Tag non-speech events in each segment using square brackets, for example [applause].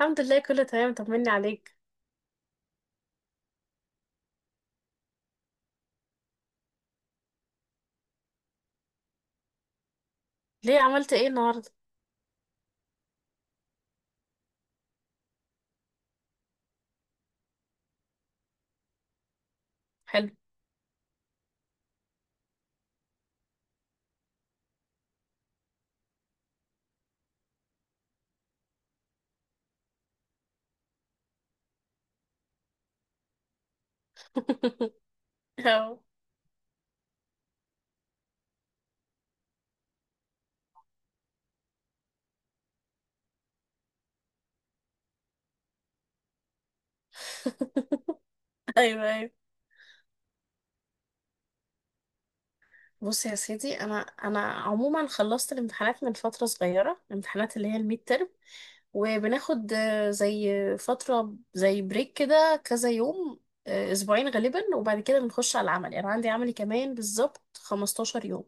الحمد لله، كله تمام، طمني عليك. ليه؟ عملت ايه النهارده؟ حلو. [laughs] أهو. [laughs] ايوه ايوه. بص يا سيدي، انا عموما خلصت الامتحانات من فتره صغيره، الامتحانات اللي هي الميد ترم، وبناخد زي فترة زي بريك كده كذا يوم، أسبوعين غالبا، وبعد كده بنخش على العمل. يعني عندي عملي كمان بالظبط 15 يوم.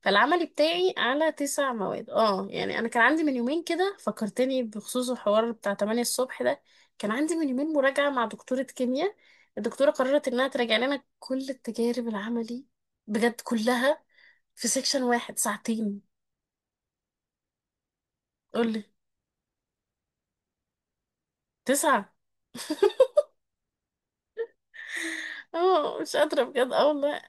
فالعملي بتاعي على تسع مواد. اه يعني أنا كان عندي من يومين كده فكرتني بخصوص الحوار بتاع 8 الصبح ده. كان عندي من يومين مراجعة مع دكتورة كيمياء. الدكتورة قررت إنها تراجع لنا كل التجارب العملي، بجد كلها، في سيكشن واحد ساعتين. قولي. تسعة. [laughs] اه مش قادرة بجد، اه والله.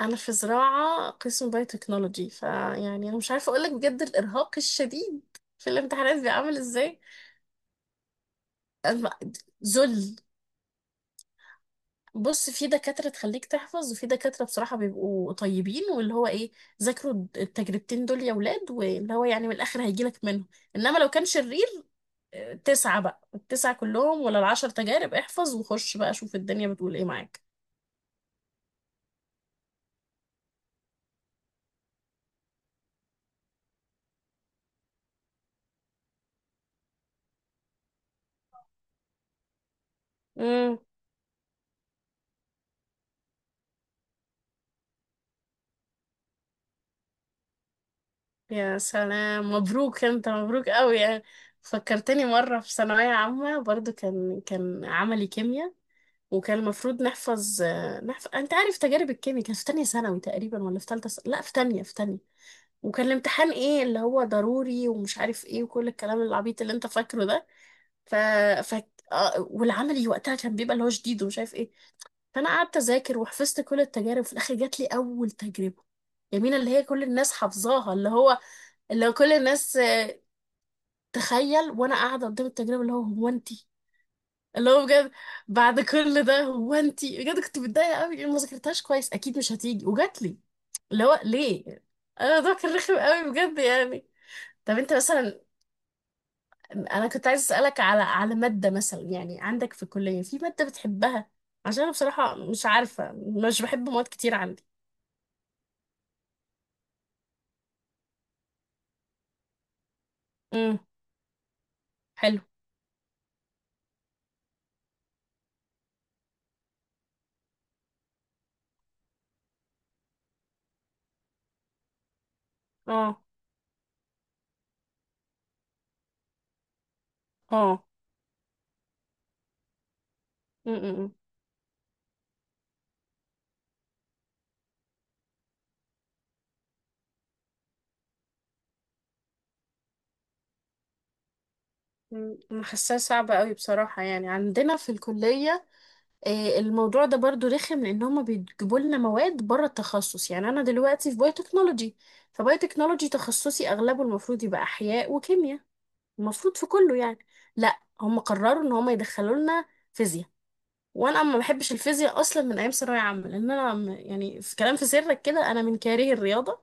أنا في زراعة، قسم بايوتكنولوجي. فيعني أنا مش عارفة أقولك بجد الإرهاق الشديد في الامتحانات بيبقى عامل إزاي. الم- ذل بص، في دكاترة تخليك تحفظ، وفي دكاترة بصراحة بيبقوا طيبين واللي هو إيه، ذاكروا التجربتين دول يا ولاد، واللي هو يعني من الآخر هيجيلك منهم. إنما لو كان شرير، تسعة بقى، التسعة كلهم ولا العشر تجارب، احفظ وخش بقى شوف الدنيا بتقول إيه معاك. يا سلام مبروك، انت مبروك قوي يعني. فكرتني مرة في ثانوية عامة، برضو كان عملي كيمياء، وكان المفروض نحفظ، نحفظ انت عارف تجارب الكيمياء، كان في تانية ثانوي تقريبا ولا في تالتة لا في تانية، في تانية. وكان الامتحان ايه اللي هو ضروري ومش عارف ايه، وكل الكلام العبيط اللي انت فاكره ده. ف... ف... والعملي وقتها كان بيبقى اللي هو شديد ومش عارف ايه. فانا قعدت اذاكر وحفظت كل التجارب، في الاخر جات لي اول تجربة، يمين، اللي هي كل الناس حافظاها، اللي هو اللي هو كل الناس تخيل. وانا قاعده قدام التجربه، اللي هو هو انتي اللي هو بجد، بعد كل ده هو انتي بجد كنت متضايقه قوي، لأن ما ذاكرتهاش كويس اكيد مش هتيجي، وجات لي. اللي هو ليه؟ انا الموضوع كان رخم قوي بجد يعني. طب انت مثلا، انا كنت عايز اسالك على ماده، مثلا يعني عندك في الكليه في ماده بتحبها؟ عشان انا بصراحه مش عارفه، مش بحب مواد كتير عندي. امم. حلو. اه اه. امم. انا حاساها صعبه قوي بصراحه. يعني عندنا في الكليه الموضوع ده برضو رخم، لان هما بيجيبوا لنا مواد بره التخصص. يعني انا دلوقتي في بايوتكنولوجي، فبايوتكنولوجي تخصصي اغلبه المفروض يبقى احياء وكيمياء، المفروض في كله يعني. لا، هم قرروا ان هم يدخلوا لنا فيزياء. وانا ما بحبش الفيزياء اصلا من ايام ثانويه عامه، لان انا يعني في كلام في سرك كده، انا من كاره الرياضه.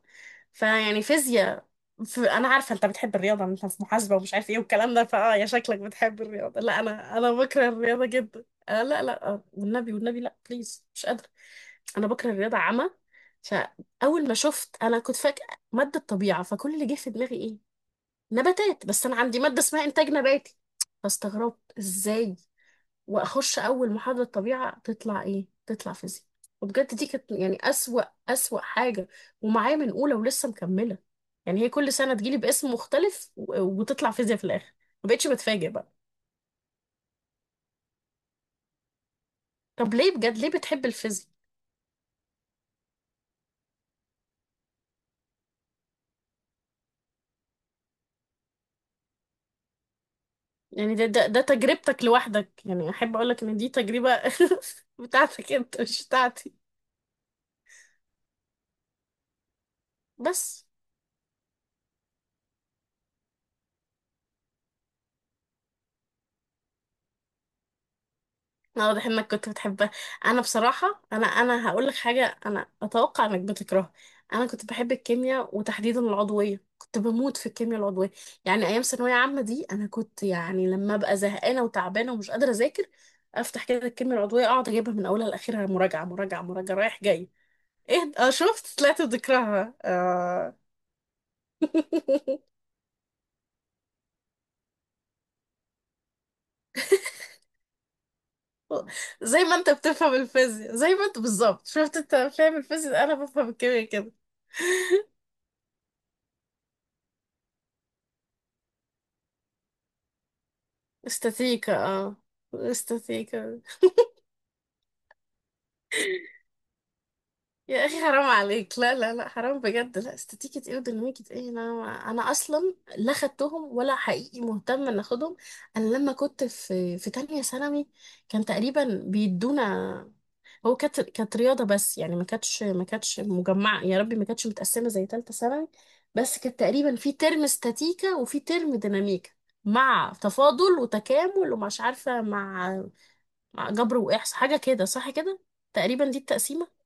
فيعني فيزياء في، انا عارفه انت بتحب الرياضه، انت في محاسبه ومش عارف ايه والكلام ده، فاه يا شكلك بتحب الرياضه، لا انا بكره الرياضه جدا، آه لا لا، آه والنبي، والنبي لا، بليز مش قادره. انا بكره الرياضه عامه. فاول ما شفت، انا كنت فاكره ماده طبيعه، فكل اللي جه في دماغي ايه، نباتات، بس انا عندي ماده اسمها انتاج نباتي. فاستغربت ازاي. واخش اول محاضره طبيعه تطلع ايه، تطلع فيزياء. وبجد دي كانت يعني اسوأ، اسوأ حاجه. ومعايا من اولى ولسه مكمله، يعني هي كل سنه تجيلي باسم مختلف وتطلع فيزياء في الاخر، ما بقتش بتفاجئ بقى. طب ليه بجد ليه بتحب الفيزياء؟ يعني ده ده تجربتك لوحدك، يعني احب اقولك ان دي تجربه، [laughs] بتاعتك انت مش بتاعتي. بس لا، واضح انك كنت بتحبها. انا بصراحه، انا هقول لك حاجه، انا اتوقع انك بتكرهها. انا كنت بحب الكيمياء وتحديدا العضويه، كنت بموت في الكيمياء العضويه. يعني ايام ثانويه عامه دي انا كنت يعني لما ابقى زهقانه وتعبانه ومش قادره اذاكر، افتح كده الكيمياء العضويه، اقعد اجيبها من اولها لاخرها، مراجعه مراجعه مراجعه، رايح جاي. ايه؟ اه شفت، طلعت بتكرهها آه. [laughs] زي ما انت بتفهم الفيزياء، زي ما انت بالظبط، شفت انت فاهم الفيزياء، انا بفهم الكيمياء كده. استاتيكا، اه. استاتيكا. يا اخي حرام عليك، لا لا لا، حرام بجد، لا استاتيكا ايه وديناميكا ايه؟ انا، انا اصلا لا خدتهم ولا حقيقي مهتم ان اخدهم. انا لما كنت في تانية ثانوي، كان تقريبا بيدونا، هو كانت رياضة بس، يعني ما كانتش مجمعة، يا ربي، ما كانتش متقسمة زي تالتة ثانوي، بس كانت تقريبا في ترم استاتيكا وفي ترم ديناميكا، مع تفاضل وتكامل ومش عارفة مع، مع جبر وإحصاء، حاجة كده صح كده، تقريبا دي التقسيمة.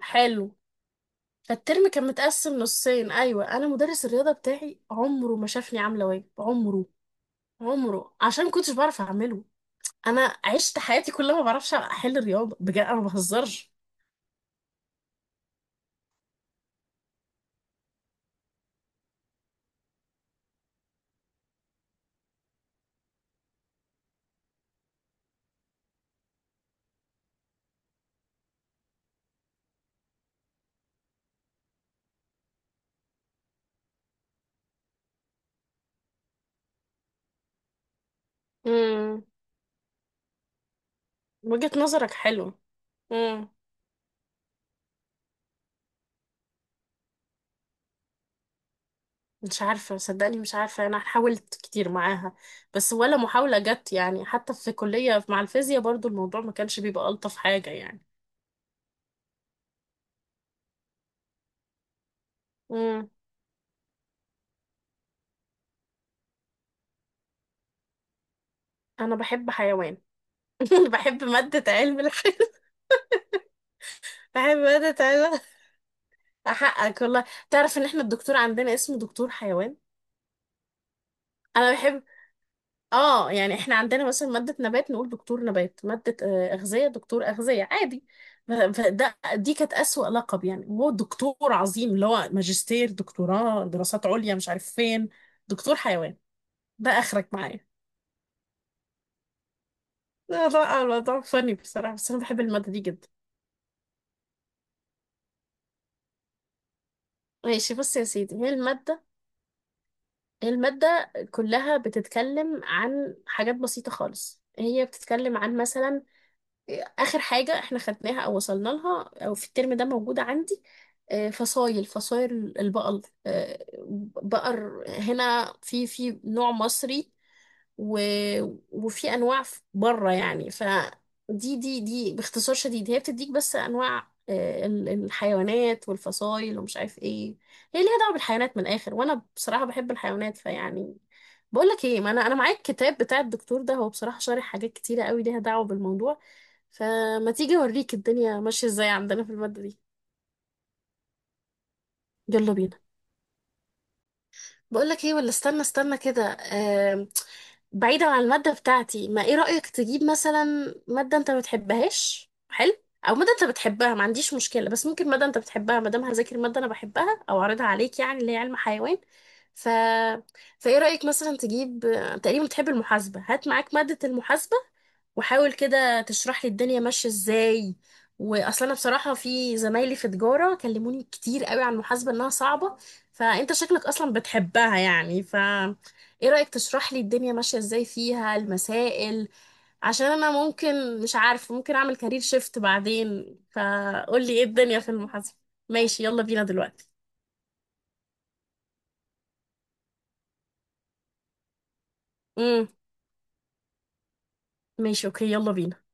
حلو. فالترم كان متقسم نصين. أيوة، أنا مدرس الرياضة بتاعي عمره ما شافني عاملة واجب، عمره، عمره، عشان ما كنتش بعرف أعمله. أنا عشت حياتي كلها ما بعرفش أحل الرياضة، بجد أنا ما بهزرش. امم. وجهة نظرك حلوة. امم. مش عارفة صدقني، مش عارفة، أنا حاولت كتير معاها، بس ولا محاولة جت، يعني حتى في كلية مع الفيزياء برضو الموضوع ما كانش بيبقى ألطف حاجة يعني. امم. أنا بحب حيوان، [laughs] بحب مادة علم الحيوان. [laughs] بحب مادة علم، أحقق والله، تعرف إن إحنا الدكتور عندنا اسمه دكتور حيوان؟ أنا بحب، آه يعني إحنا عندنا مثلا مادة نبات نقول دكتور نبات، مادة أغذية دكتور أغذية، عادي. فده دي كانت أسوأ لقب، يعني هو دكتور عظيم، اللي هو ماجستير دكتوراه دراسات عليا مش عارف فين، دكتور حيوان، ده آخرك معايا. لا لا، الموضوع فني بصراحة، بس أنا بحب المادة دي جدا. ماشي بص يا سيدي، هي المادة، المادة كلها بتتكلم عن حاجات بسيطة خالص، هي بتتكلم عن مثلا آخر حاجة احنا خدناها أو وصلنا لها أو في الترم ده موجودة عندي، فصايل، فصايل البقر، بقر، هنا في نوع مصري، و... وفي انواع بره يعني، فدي دي باختصار شديد، هي بتديك بس انواع الحيوانات والفصائل ومش عارف ايه، هي ليها دعوه بالحيوانات من الاخر، وانا بصراحه بحب الحيوانات، فيعني. بقول لك ايه، ما انا معايا الكتاب بتاع الدكتور ده، هو بصراحه شارح حاجات كتيره قوي ليها دعوه بالموضوع، فما تيجي اوريك الدنيا ماشيه ازاي عندنا في الماده دي. يلا بينا. بقول لك ايه، ولا استنى، كده، آم، بعيدا عن المادة بتاعتي، ما ايه رأيك تجيب مثلا مادة انت ما بتحبهاش، حلو، او مادة انت بتحبها ما عنديش مشكلة، بس ممكن مادة انت بتحبها، ما دام هذاكر مادة انا بحبها او اعرضها عليك يعني، اللي هي علم حيوان، ف، فايه رأيك مثلا تجيب، تقريبا بتحب المحاسبة، هات معاك مادة المحاسبة، وحاول كده تشرح لي الدنيا ماشية ازاي، واصلا انا بصراحة في زمايلي في تجارة كلموني كتير قوي عن المحاسبة انها صعبة، فانت شكلك اصلا بتحبها يعني، ف ايه رأيك تشرح لي الدنيا ماشية ازاي فيها المسائل؟ عشان انا ممكن مش عارف ممكن اعمل كارير شيفت بعدين، فقول لي ايه الدنيا في المحاسبة. ماشي، يلا بينا دلوقتي. امم. ماشي، اوكي، يلا بينا.